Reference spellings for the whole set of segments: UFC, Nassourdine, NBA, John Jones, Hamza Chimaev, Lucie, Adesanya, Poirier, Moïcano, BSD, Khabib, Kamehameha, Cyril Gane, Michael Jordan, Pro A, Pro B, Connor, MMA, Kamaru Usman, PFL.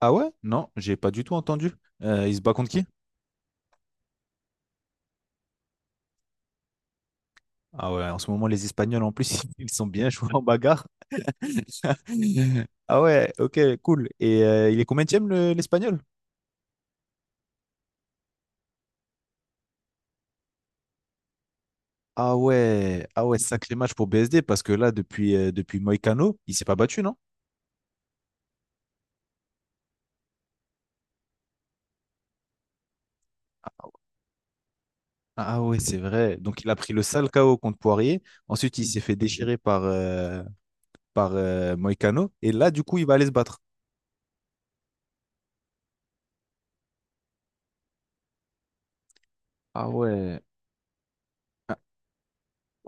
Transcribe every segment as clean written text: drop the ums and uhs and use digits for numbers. Ah ouais? Non, j'ai pas du tout entendu. Il se bat contre qui? Ah ouais, en ce moment, les Espagnols, en plus, ils sont bien joués en bagarre. Ah ouais, ok, cool. Et il est combien le l'Espagnol? Ah ouais, ah ouais, sacré match pour BSD, parce que là, depuis Moïcano, il s'est pas battu, non? Ah ouais, c'est vrai. Donc, il a pris le sale KO contre Poirier. Ensuite, il s'est fait déchirer par Moïcano. Et là, du coup, il va aller se battre. Ah ouais.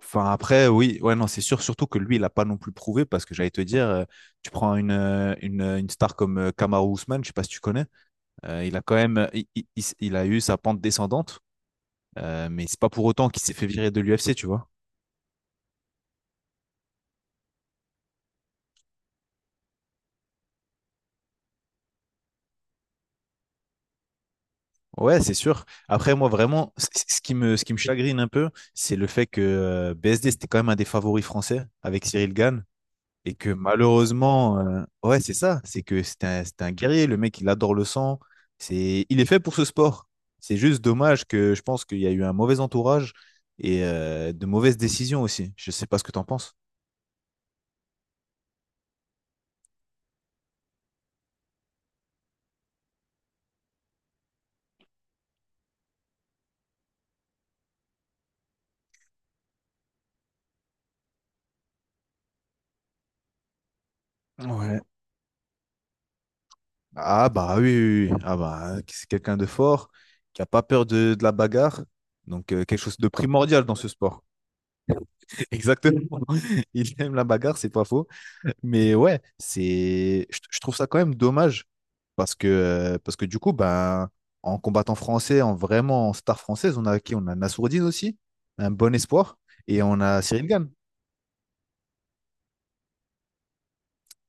Enfin, après, oui, ouais, non, c'est sûr, surtout que lui, il n'a pas non plus prouvé parce que j'allais te dire, tu prends une star comme Kamaru Usman, je sais pas si tu connais, il a quand même, il a eu sa pente descendante, mais c'est pas pour autant qu'il s'est fait virer de l'UFC, tu vois. Ouais, c'est sûr. Après, moi, vraiment, ce qui me chagrine un peu, c'est le fait que BSD, c'était quand même un des favoris français avec Cyril Gane. Et que malheureusement, ouais, c'est ça, c'est que c'est un guerrier, le mec, il adore le sang, c'est, il est fait pour ce sport. C'est juste dommage que je pense qu'il y a eu un mauvais entourage et de mauvaises décisions aussi. Je sais pas ce que tu en penses. Ouais. Ah bah oui, oui, oui. Ah bah, c'est quelqu'un de fort, qui a pas peur de la bagarre. Donc quelque chose de primordial dans ce sport. Exactement. Il aime la bagarre, c'est pas faux. Mais ouais, c'est, je trouve ça quand même dommage parce que du coup, ben, en combattant français, en vraiment en star française, on a qui? On a Nassourdine aussi, un bon espoir, et on a Cyril Gane.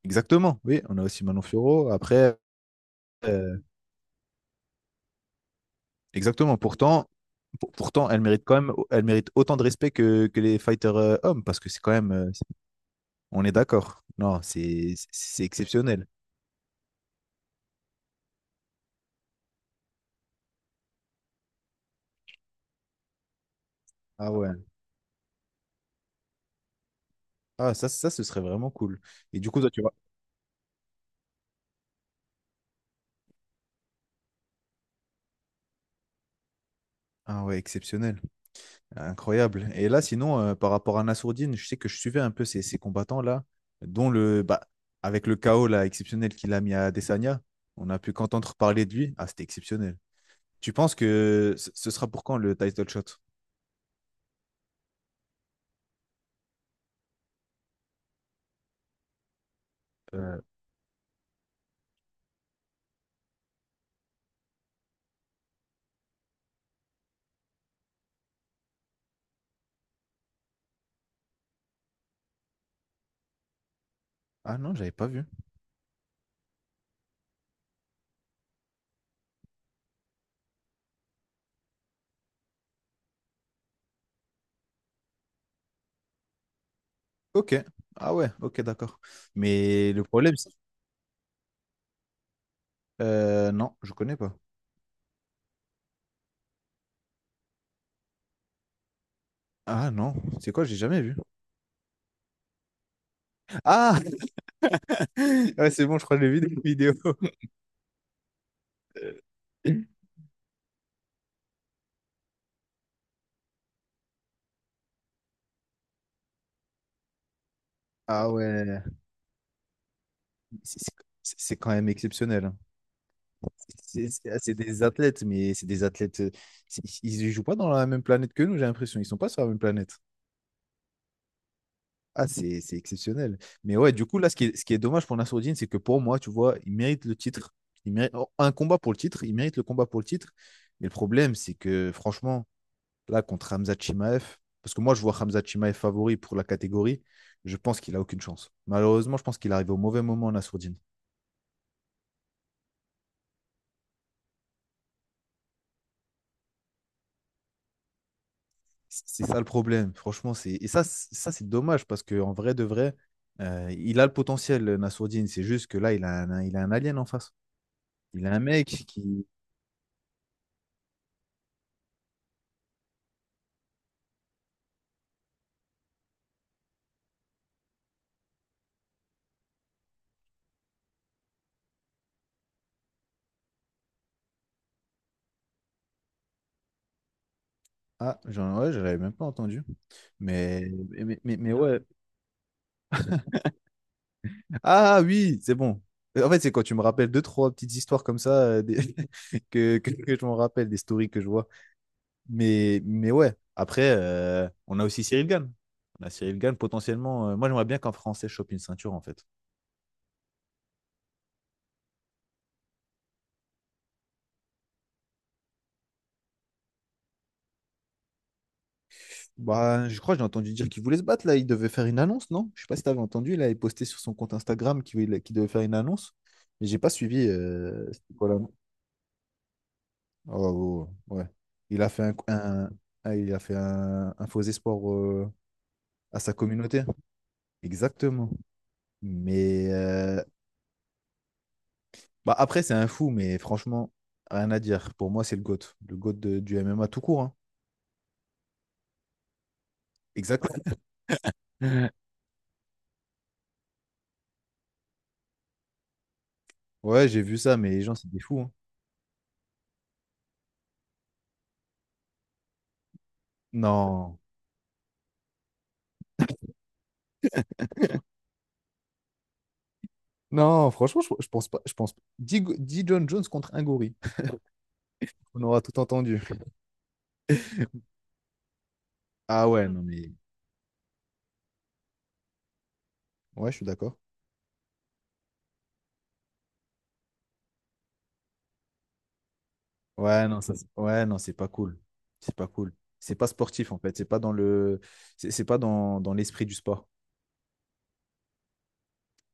Exactement, oui, on a aussi Manon Fiorot. Après, euh, exactement. Pourtant, pourtant, elle mérite quand même, elle mérite autant de respect que les fighters hommes parce que c'est quand même, on est d'accord. Non, c'est exceptionnel. Ah ouais. Ah ça, ça, ce serait vraiment cool. Et du coup, toi, tu vois. Ah ouais, exceptionnel. Incroyable. Et là, sinon, par rapport à Nassourdine, je sais que je suivais un peu ces combattants-là, dont le, bah, avec le chaos là, exceptionnel qu'il a mis à Adesanya, on a pu qu'entendre parler de lui. Ah, c'était exceptionnel. Tu penses que ce sera pour quand le title shot? Euh, ah non, j'avais pas vu. Ok. Ah ouais, ok, d'accord. Mais le problème, c'est... non, je connais pas. Ah non, c'est quoi? J'ai jamais vu. Ah! Ouais, c'est bon, je crois que j'ai vu des vidéos. Ah ouais, c'est c'est- c'est quand même exceptionnel. Hein. Ah, c'est des athlètes, mais c'est des athlètes. Ils ne jouent pas dans la même planète que nous, j'ai l'impression. Ils sont pas sur la même planète. Ah, c'est exceptionnel. Mais ouais, du coup, là, ce qui est dommage pour Nassourdine, c'est que pour moi, tu vois, il mérite le titre. Il mérite oh, un combat pour le titre. Il mérite le combat pour le titre. Mais le problème, c'est que franchement, là, contre Hamza Chimaev, parce que moi, je vois Hamza Chimaev favori pour la catégorie, je pense qu'il a aucune chance. Malheureusement, je pense qu'il arrive au mauvais moment, Nassourdine. C'est ça le problème, franchement. C'est... Et ça, ça c'est dommage parce qu'en vrai de vrai, il a le potentiel, Nassourdine. C'est juste que là, il a un alien en face. Il a un mec qui. Ah, j'en ouais, j'avais même pas entendu. Mais ouais. Ah oui, c'est bon. En fait, c'est quand tu me rappelles deux, trois petites histoires comme ça que je m'en rappelle, des stories que je vois. Mais ouais, après, on a aussi Cyril Gann. On a Cyril Gann potentiellement. Moi, j'aimerais bien qu'un Français chope une ceinture, en fait. Bah, je crois que j'ai entendu dire qu'il voulait se battre là. Il devait faire une annonce, non? Je sais pas si t'avais entendu. Là, il postait sur son compte Instagram qu'il devait faire une annonce. Mais j'ai pas suivi. C'était quoi l'annonce? Oh, oh, oh, ouais. Il a fait ah, il a fait un faux espoir à sa communauté. Exactement. Mais bah après, c'est un fou, mais franchement, rien à dire. Pour moi, c'est le GOAT. Le GOAT du MMA tout court. Hein. Exactement. Ouais, j'ai vu ça, mais les gens, c'est des fous. Hein. Non. Non, franchement, je pense pas. Je pense pas. Dis, dis John Jones contre un gorille. On aura tout entendu. Ah ouais, non, mais. Ouais, je suis d'accord. Ouais, non, ça, ouais, non, c'est pas cool. C'est pas cool. C'est pas sportif, en fait. C'est pas dans le. C'est pas dans l'esprit du sport.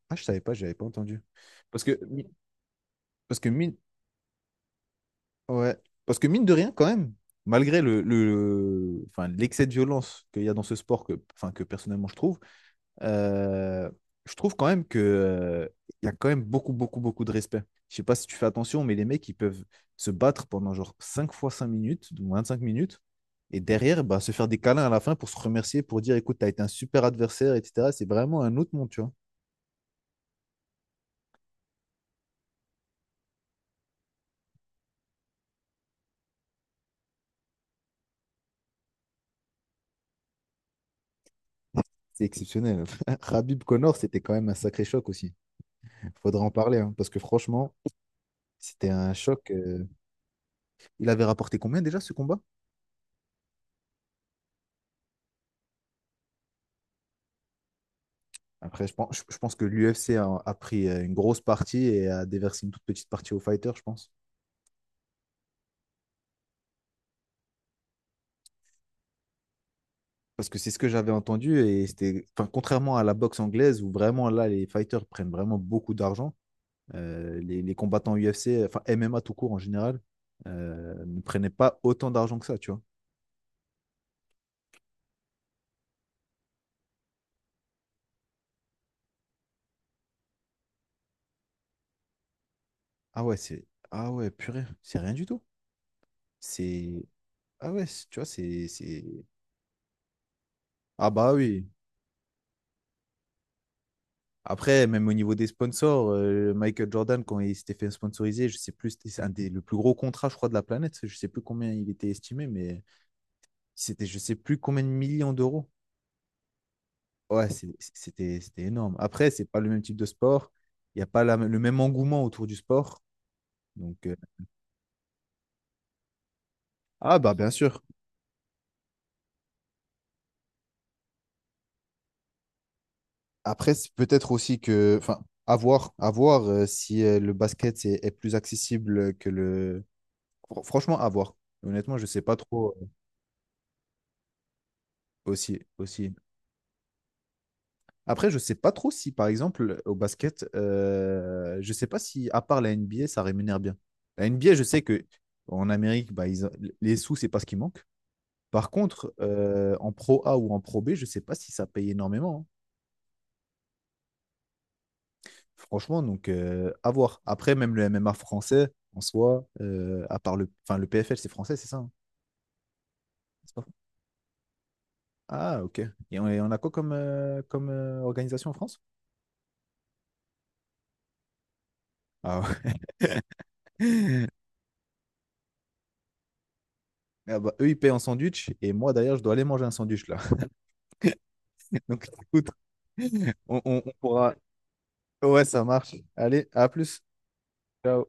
Ah, je savais pas, j'avais pas entendu. Parce que, parce que mine. Ouais. Parce que mine de rien, quand même, malgré enfin, l'excès de violence qu'il y a dans ce sport, que, enfin, que personnellement Euh, je trouve quand même que, il y a quand même beaucoup, beaucoup, beaucoup de respect. Je sais pas si tu fais attention, mais les mecs, ils peuvent se battre pendant genre 5 fois 5 minutes, donc 25 minutes, et derrière, bah, se faire des câlins à la fin pour se remercier, pour dire, écoute, tu as été un super adversaire, etc. C'est vraiment un autre monde, tu vois. C'est exceptionnel. Khabib Connor, c'était quand même un sacré choc aussi. Faudra en parler, hein, parce que franchement, c'était un choc. Il avait rapporté combien déjà ce combat? Après, je pense que l'UFC a pris une grosse partie et a déversé une toute petite partie aux fighters, je pense. Parce que c'est ce que j'avais entendu et c'était, enfin, contrairement à la boxe anglaise où vraiment là, les fighters prennent vraiment beaucoup d'argent, les combattants UFC, enfin MMA tout court en général, ne prenaient pas autant d'argent que ça, tu vois. Ah ouais, c'est, ah ouais, purée, c'est rien du tout. C'est, ah ouais, tu vois, c'est. Ah bah oui. Après, même au niveau des sponsors, Michael Jordan, quand il s'était fait sponsoriser, je sais plus, c'est un des le plus gros contrat, je crois, de la planète. Je sais plus combien il était estimé, mais c'était je sais plus combien de millions d'euros. Ouais, c'était énorme. Après, c'est pas le même type de sport. Il n'y a pas le même engouement autour du sport. Donc, ah bah bien sûr. Après, c'est peut-être aussi que, enfin, à voir si le basket est plus accessible que franchement, à voir. Honnêtement, je sais pas trop aussi, aussi. Après, je sais pas trop si, par exemple, au basket, je sais pas si, à part la NBA, ça rémunère bien. La NBA, je sais que en Amérique, bah, les sous, c'est pas ce qui manque. Par contre, en Pro A ou en Pro B, je sais pas si ça paye énormément. Hein. Franchement, donc, à voir. Après, même le MMA français, en soi, à part le, enfin, le PFL, c'est français, c'est ça? Hein. C'est pas- Ah, ok. Et on a quoi comme, organisation en France? Ah, ouais. Ah bah, eux, ils payent en sandwich et moi, d'ailleurs, je dois aller manger un sandwich là. Donc, écoute, on pourra. Ouais, ça marche. Allez, à plus. Ciao.